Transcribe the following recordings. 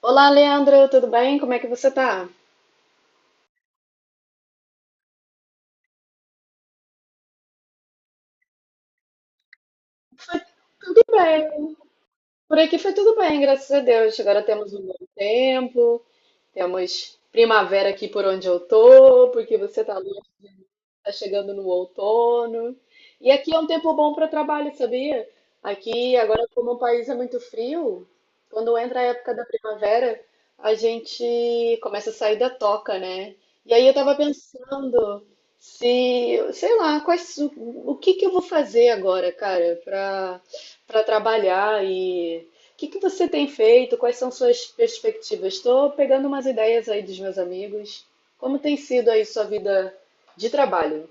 Olá, Leandro, tudo bem? Como é que você tá? Tudo bem. Por aqui foi tudo bem, graças a Deus. Agora temos um bom tempo, temos primavera aqui por onde eu tô, porque você tá Tá chegando no outono. E aqui é um tempo bom para trabalho, sabia? Aqui, agora, como o país é muito frio, quando entra a época da primavera, a gente começa a sair da toca, né? E aí eu tava pensando se, sei lá, quais, o que que eu vou fazer agora, cara, para trabalhar e o que que você tem feito? Quais são suas perspectivas? Estou pegando umas ideias aí dos meus amigos. Como tem sido aí sua vida de trabalho?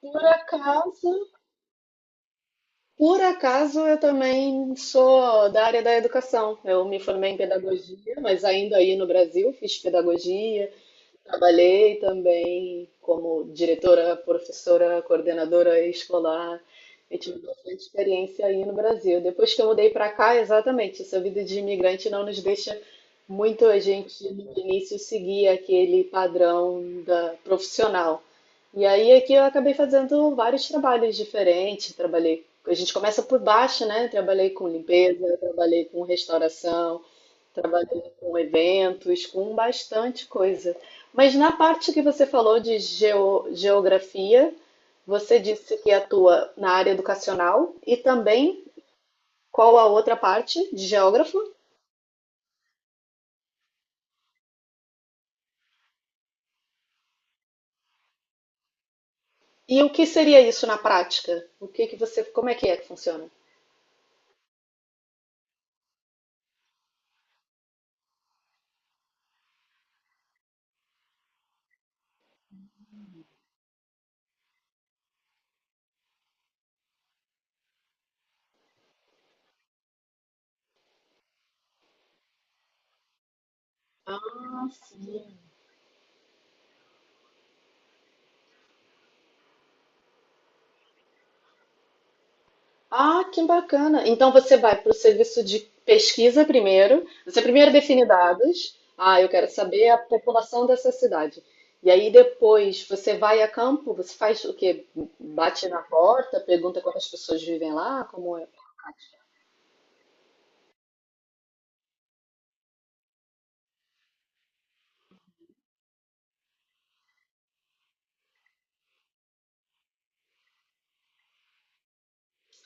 Por acaso, por acaso, eu também sou da área da educação. Eu me formei em pedagogia, mas ainda aí no Brasil fiz pedagogia. Trabalhei também como diretora, professora, coordenadora escolar e tive bastante experiência aí no Brasil. Depois que eu mudei para cá, exatamente, essa vida de imigrante não nos deixa muito a gente no início seguir aquele padrão da profissional. E aí aqui eu acabei fazendo vários trabalhos diferentes, trabalhei, a gente começa por baixo, né? Trabalhei com limpeza, trabalhei com restauração. Trabalhei com eventos, com bastante coisa. Mas na parte que você falou de geografia, você disse que atua na área educacional e também qual a outra parte de geógrafo? E o que seria isso na prática? O que que você, como é que funciona? Ah. Ah, que bacana. Então você vai para o serviço de pesquisa primeiro. Você primeiro define dados. Ah, eu quero saber a população dessa cidade. E aí depois você vai a campo, você faz o quê? Bate na porta, pergunta quantas pessoas vivem lá, como é?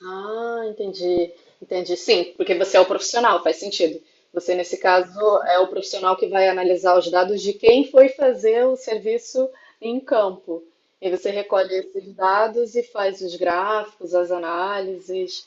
Ah, entendi. Sim, porque você é o profissional, faz sentido. Você, nesse caso, é o profissional que vai analisar os dados de quem foi fazer o serviço em campo. E você recolhe esses dados e faz os gráficos, as análises,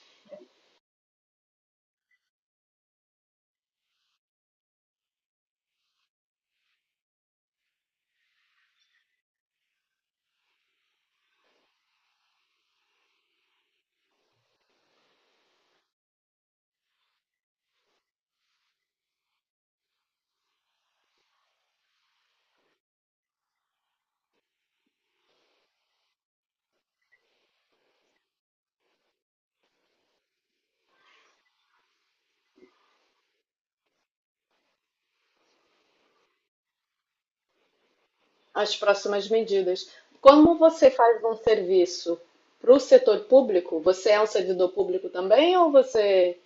as próximas medidas. Como você faz um serviço para o setor público, você é um servidor público também ou você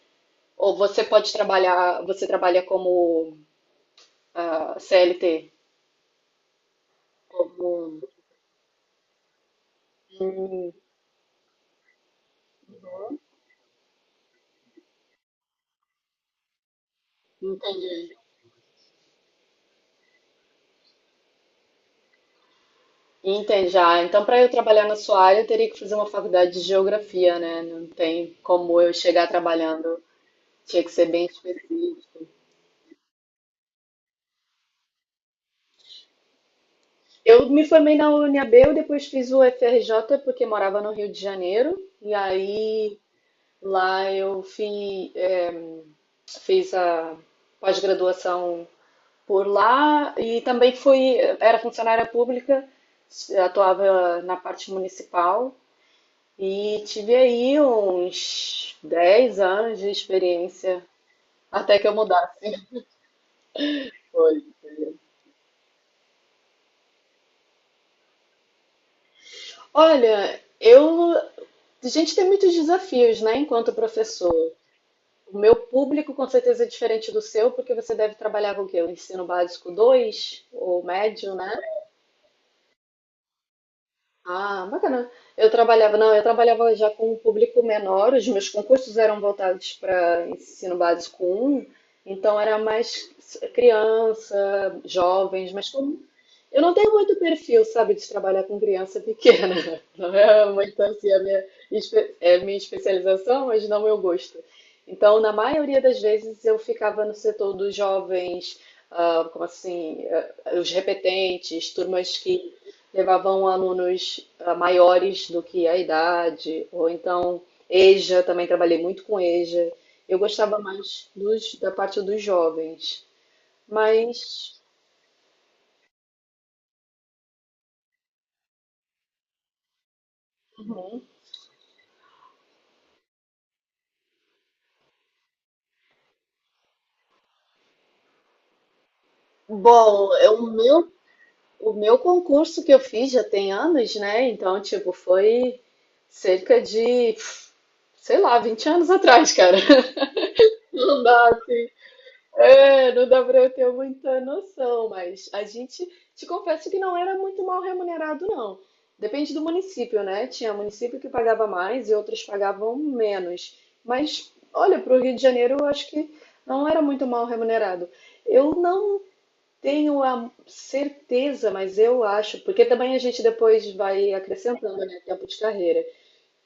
ou você pode trabalhar, você trabalha como CLT? Como Entende já. Então, para eu trabalhar na sua área, eu teria que fazer uma faculdade de geografia, né? Não tem como eu chegar trabalhando. Tinha que ser bem específico. Eu me formei na UNB, eu depois fiz o FRJ porque morava no Rio de Janeiro. E aí lá fiz a pós-graduação por lá e também fui, era funcionária pública, atuava na parte municipal. E tive aí uns 10 anos de experiência até que eu mudasse. Foi. Olha, eu. A gente tem muitos desafios, né, enquanto professor. O meu público com certeza é diferente do seu, porque você deve trabalhar com o quê? O ensino básico 2 ou médio, né? Ah, bacana. Eu trabalhava, não, eu trabalhava já com um público menor, os meus concursos eram voltados para ensino básico 1, então era mais criança, jovens, mas como eu não tenho muito perfil, sabe, de trabalhar com criança pequena, não é muito assim é a minha especialização, mas não meu gosto. Então, na maioria das vezes, eu ficava no setor dos jovens, ah, como assim, ah, os repetentes, turmas que levavam alunos maiores do que a idade, ou então EJA, também trabalhei muito com EJA. Eu gostava mais da parte dos jovens, mas uhum. Bom, o meu concurso que eu fiz já tem anos, né? Então, tipo, foi cerca de, sei lá, 20 anos atrás, cara. Não dá, assim. É, não dá para eu ter muita noção, mas a gente, te confesso que não era muito mal remunerado, não. Depende do município, né? Tinha município que pagava mais e outros pagavam menos. Mas, olha, para o Rio de Janeiro, eu acho que não era muito mal remunerado. Eu não tenho a certeza, mas eu acho, porque também a gente depois vai acrescentando, né, tempo de carreira.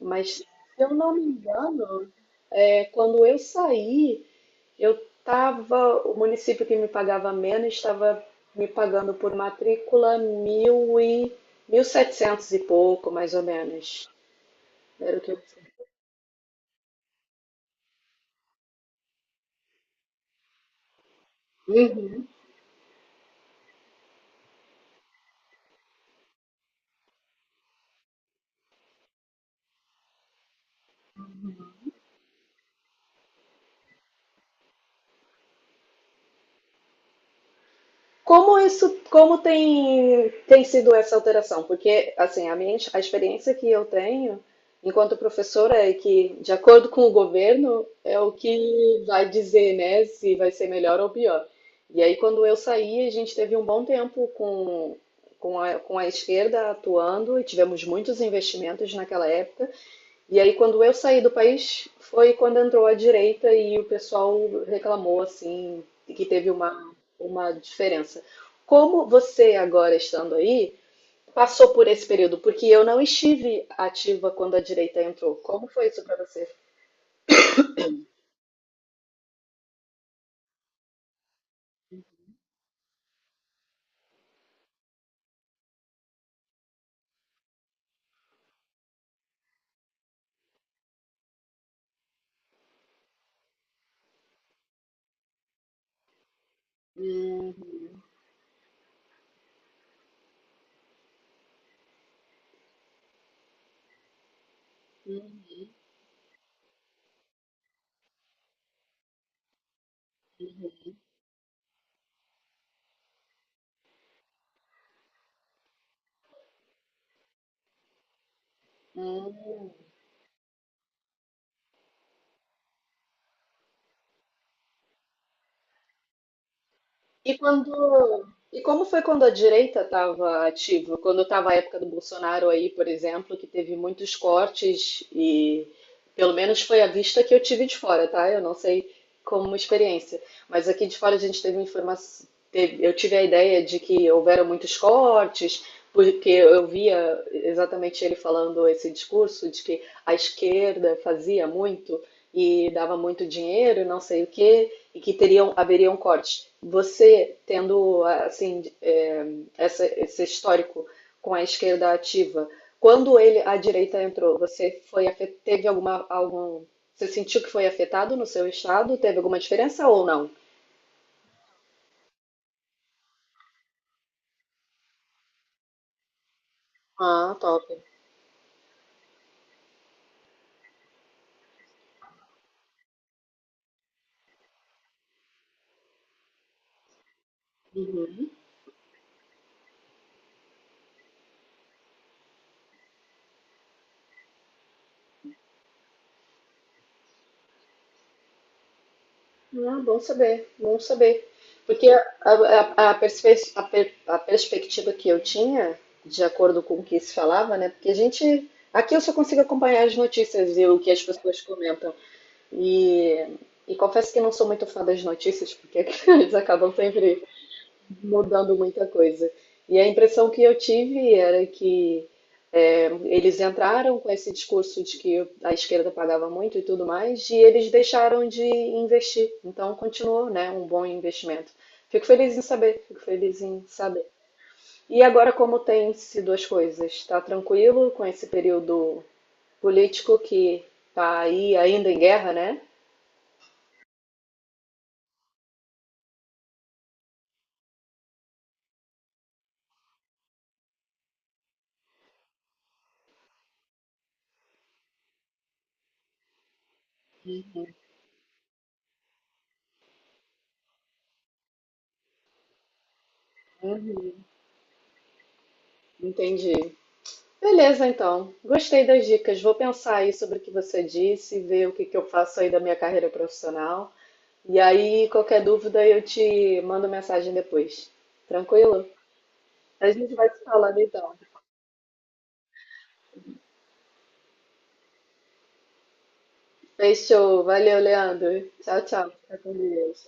Mas, se eu não me engano, é quando eu saí. Eu estava, o município que me pagava menos estava me pagando por 1.700 e pouco, mais ou menos. Era o que eu Uhum. Como isso, como tem, tem sido essa alteração? Porque, assim, a experiência que eu tenho enquanto professora é que, de acordo com o governo, é o que vai dizer, né, se vai ser melhor ou pior. E aí, quando eu saí, a gente teve um bom tempo com a esquerda atuando e tivemos muitos investimentos naquela época e aí, quando eu saí do país, foi quando entrou a direita e o pessoal reclamou, assim, que teve uma diferença. Como você, agora estando aí, passou por esse período? Porque eu não estive ativa quando a direita entrou. Como foi isso para você? Uhum, uhum. E quando. E como foi quando a direita estava ativa? Quando estava a época do Bolsonaro aí, por exemplo, que teve muitos cortes e pelo menos foi a vista que eu tive de fora, tá? Eu não sei como experiência, mas aqui de fora a gente teve informação, eu tive a ideia de que houveram muitos cortes, porque eu via exatamente ele falando esse discurso de que a esquerda fazia muito e dava muito dinheiro, e não sei o quê, e que teriam, haveria um corte. Você tendo assim essa, esse histórico com a esquerda ativa, quando ele a direita entrou, você foi teve alguma algum você sentiu que foi afetado no seu estado? Teve alguma diferença ou não? Ah, top. Uhum. Ah, bom saber. Porque a perspectiva que eu tinha, de acordo com o que se falava, né? Porque a gente. Aqui eu só consigo acompanhar as notícias e o que as pessoas comentam. E, e confesso que não sou muito fã das notícias, porque eles acabam sempre mudando muita coisa. E a impressão que eu tive era que eles entraram com esse discurso de que a esquerda pagava muito e tudo mais, e eles deixaram de investir. Então continuou, né, um bom investimento. Fico feliz em saber. E agora como tem sido as coisas? Está tranquilo com esse período político que está aí ainda em guerra, né? Entendi. Beleza, então. Gostei das dicas. Vou pensar aí sobre o que você disse, ver o que que eu faço aí da minha carreira profissional. E aí, qualquer dúvida, eu te mando mensagem depois. Tranquilo? A gente vai se falando então. Fechou. Valeu, Leandro. Tchau, tchau. Fica com Deus.